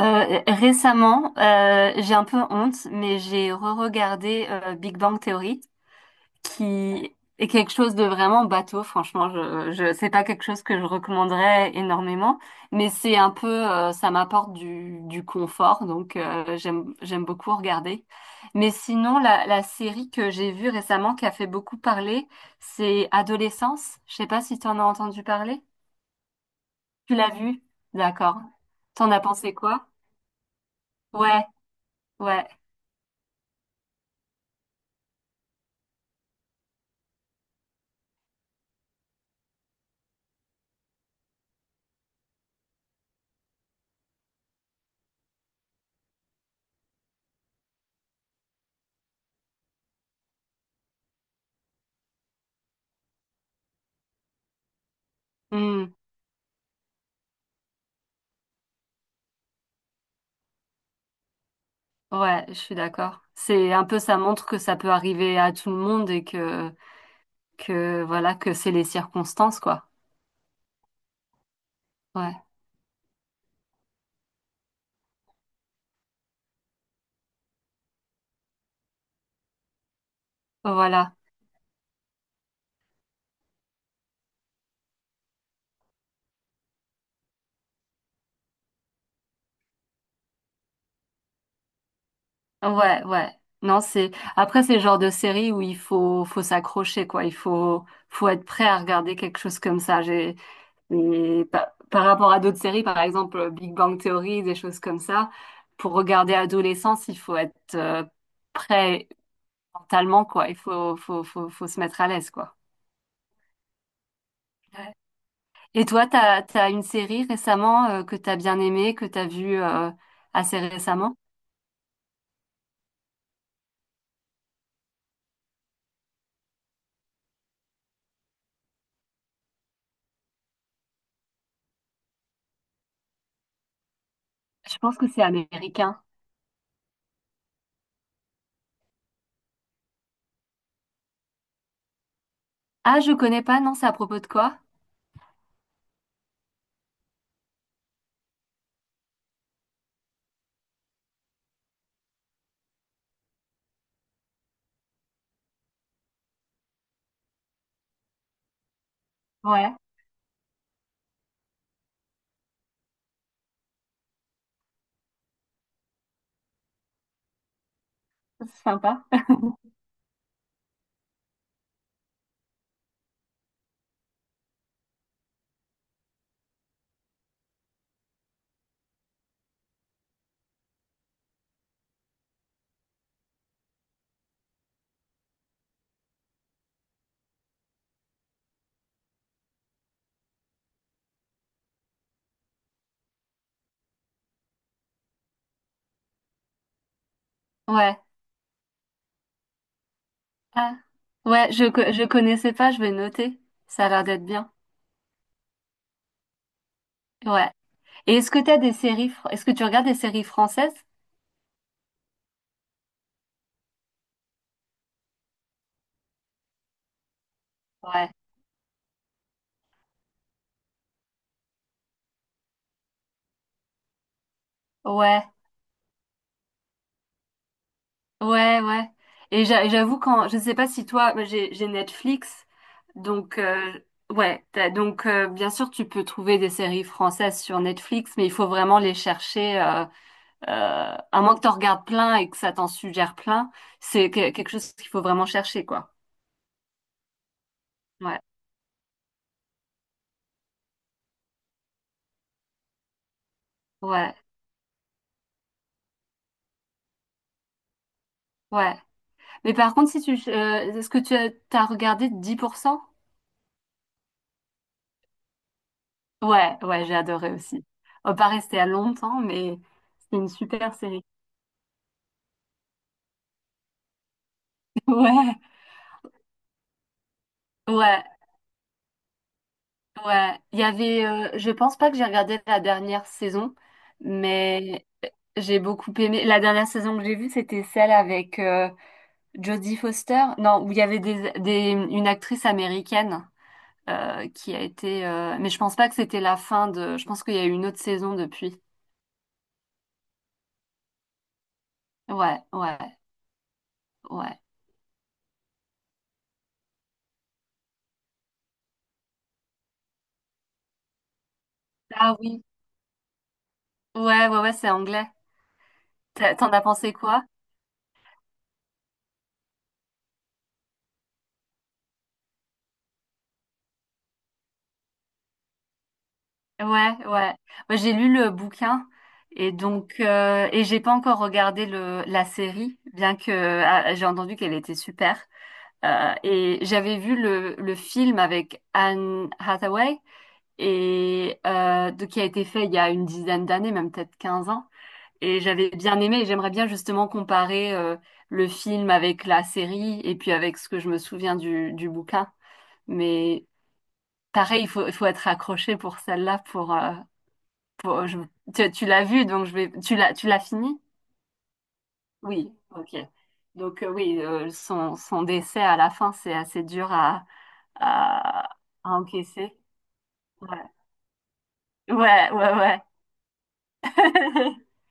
Récemment, j'ai un peu honte, mais j'ai re-regardé Big Bang Theory, qui est quelque chose de vraiment bateau. Franchement, je, c'est pas quelque chose que je recommanderais énormément, mais c'est un peu, ça m'apporte du confort, donc j'aime beaucoup regarder. Mais sinon, la série que j'ai vue récemment qui a fait beaucoup parler, c'est Adolescence. Je sais pas si tu en as entendu parler. Tu l'as vue? D'accord. T'en as pensé quoi? Ouais. Ouais. Hmm. Ouais, je suis d'accord. C'est un peu, ça montre que ça peut arriver à tout le monde et que voilà, que c'est les circonstances, quoi. Ouais, voilà. Ouais, ouais. Non, c'est, après, c'est le genre de série où faut s'accrocher, quoi. Faut être prêt à regarder quelque chose comme ça. J'ai, et par rapport à d'autres séries, par exemple, Big Bang Theory, des choses comme ça, pour regarder Adolescence, il faut être prêt mentalement, quoi. Il faut, faut, faut, faut se mettre à l'aise, quoi. Ouais. Et toi, t'as une série récemment que t'as bien aimée, que t'as vue assez récemment? Je pense que c'est américain. Ah, je connais pas, non, c'est à propos de quoi? Ouais, c'est sympa. Ouais. Ah. Ouais, je connaissais pas, je vais noter. Ça a l'air d'être bien. Ouais. Et est-ce que t'as des séries, est-ce que tu regardes des séries françaises? Ouais. Ouais. Ouais, ouais. Et j'avoue quand, je sais pas si toi, moi, j'ai Netflix, donc ouais, donc bien sûr tu peux trouver des séries françaises sur Netflix, mais il faut vraiment les chercher, à moins que t'en regardes plein et que ça t'en suggère plein, quelque chose qu'il faut vraiment chercher quoi. Ouais, ouais, ouais. Mais par contre, si tu, est-ce que tu as t'as regardé dix pour cent. Ouais, ouais, j'ai adoré aussi. On va pas rester à longtemps, mais c'est une super série. Ouais. Ouais. Ouais, il y avait, je pense pas que j'ai regardé la dernière saison, mais j'ai beaucoup aimé. La dernière saison que j'ai vue, c'était celle avec Jodie Foster. Non, où il y avait une actrice américaine qui a été. Mais je pense pas que c'était la fin de. Je pense qu'il y a eu une autre saison depuis. Ouais, ouais, ouais. Ah oui. Ouais, ouais, ouais, c'est anglais. T'en as pensé quoi? Ouais, ouais. Moi, j'ai lu le bouquin et donc et j'ai pas encore regardé le la série, bien que ah, j'ai entendu qu'elle était super. Et j'avais vu le film avec Anne Hathaway et qui a été fait il y a une dizaine d'années, même peut-être 15 ans. Et j'avais bien aimé. Et j'aimerais bien justement comparer le film avec la série et puis avec ce que je me souviens du bouquin. Mais pareil, il faut être accroché pour celle-là pour Bon, je- tu l'as vu, donc je vais. Tu l'as fini? Oui, ok. Donc oui, son décès à la fin, c'est assez dur à, à encaisser. Ouais, ouais, ouais, ouais.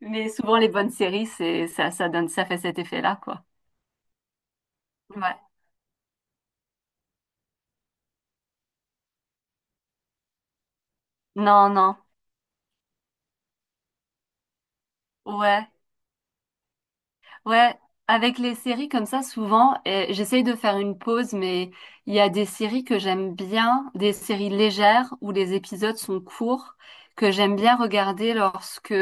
Mais souvent les bonnes séries, c'est ça, ça donne, ça fait cet effet-là, quoi. Ouais. Non, non. Ouais. Ouais, avec les séries comme ça, souvent, j'essaye de faire une pause, mais il y a des séries que j'aime bien, des séries légères où les épisodes sont courts, que j'aime bien regarder lorsque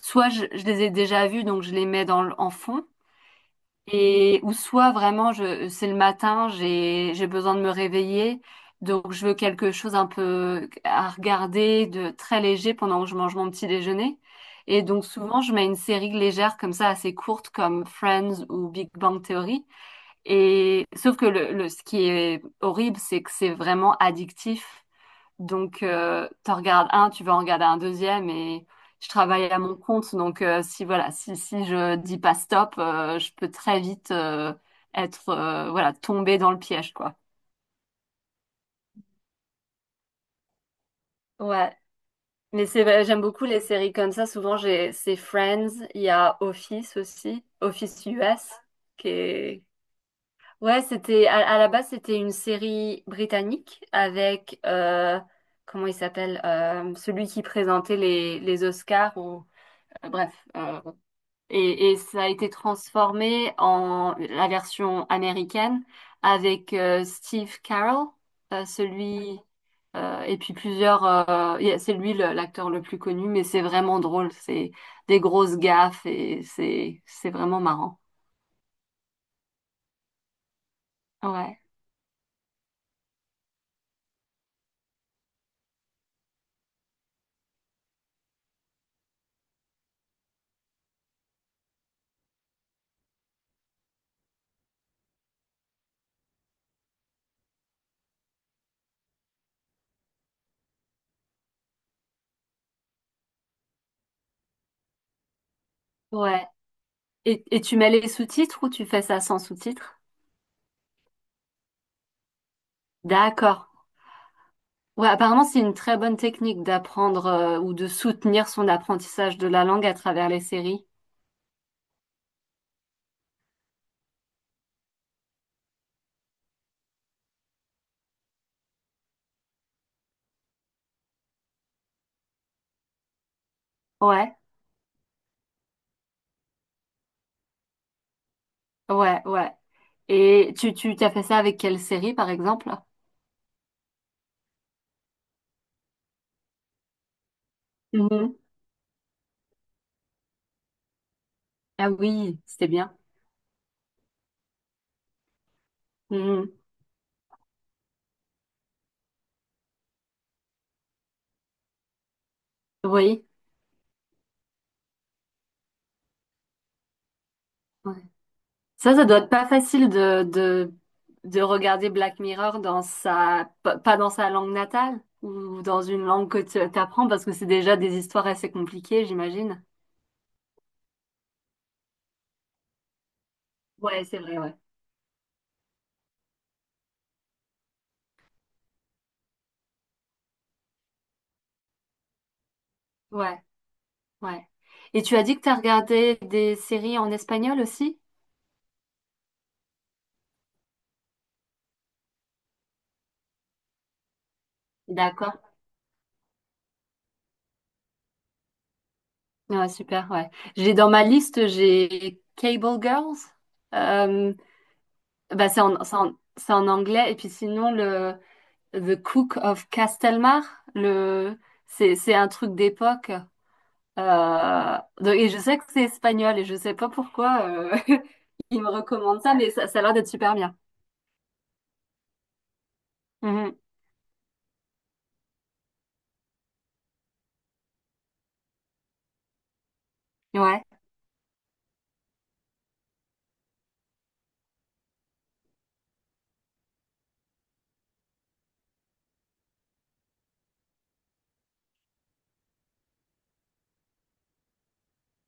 soit je les ai déjà vues, donc je les mets dans, en fond, et ou soit vraiment je c'est le matin, j'ai besoin de me réveiller, donc je veux quelque chose un peu à regarder de très léger pendant que je mange mon petit déjeuner. Et donc souvent je mets une série légère comme ça assez courte comme Friends ou Big Bang Theory. Et sauf que le ce qui est horrible, c'est que c'est vraiment addictif. Donc, t'en regardes un, tu vas en regarder un deuxième et je travaille à mon compte. Donc, si voilà, si je dis pas stop, je peux très vite être voilà tomber dans le piège quoi. Ouais, mais c'est vrai, j'aime beaucoup les séries comme ça. Souvent, j'ai c'est Friends, il y a Office aussi, Office US qui est ouais, c'était à la base c'était une série britannique avec comment il s'appelle celui qui présentait les Oscars ou Bref, et ça a été transformé en la version américaine avec Steve Carell, celui et puis plusieurs. Yeah, c'est lui l'acteur le plus connu, mais c'est vraiment drôle. C'est des grosses gaffes et c'est vraiment marrant. Ouais, ouais. Et tu mets les sous-titres ou tu fais ça sans sous-titres? D'accord. Ouais, apparemment c'est une très bonne technique d'apprendre ou de soutenir son apprentissage de la langue à travers les séries. Ouais, ouais, ouais. Et tu t'as fait ça avec quelle série, par exemple? Mhm. Ah oui, c'était bien. Mhm. Oui. Ouais. Ça doit être pas facile de regarder Black Mirror dans sa, pas dans sa langue natale ou dans une langue que tu apprends parce que c'est déjà des histoires assez compliquées, j'imagine. Ouais, c'est vrai, ouais. Ouais, ouais. Et tu as dit que tu as regardé des séries en espagnol aussi? D'accord. Ouais, super, ouais. J'ai dans ma liste, j'ai Cable Girls. Euh, bah, c'est en anglais. Et puis sinon, le The Cook of Castelmar, le, c'est un truc d'époque. Donc- et je sais que c'est espagnol et je sais pas pourquoi ils me recommandent ça, mais ça a l'air d'être super bien. Mhm. Ouais.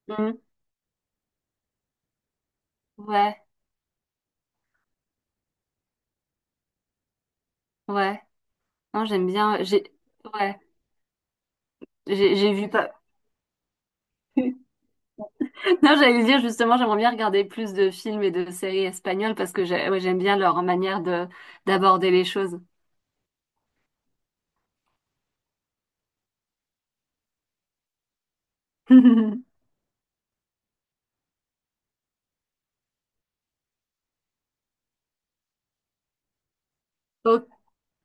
Mhm. Ouais, ouais. Non, j'aime bien. J'ai, ouais. J'ai vu pas. Non, j'allais dire justement, j'aimerais bien regarder plus de films et de séries espagnoles parce que ouais, j'aime bien leur manière de d'aborder les choses. O-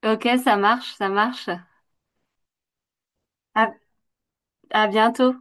Ok, ça marche, ça marche. À, à bientôt.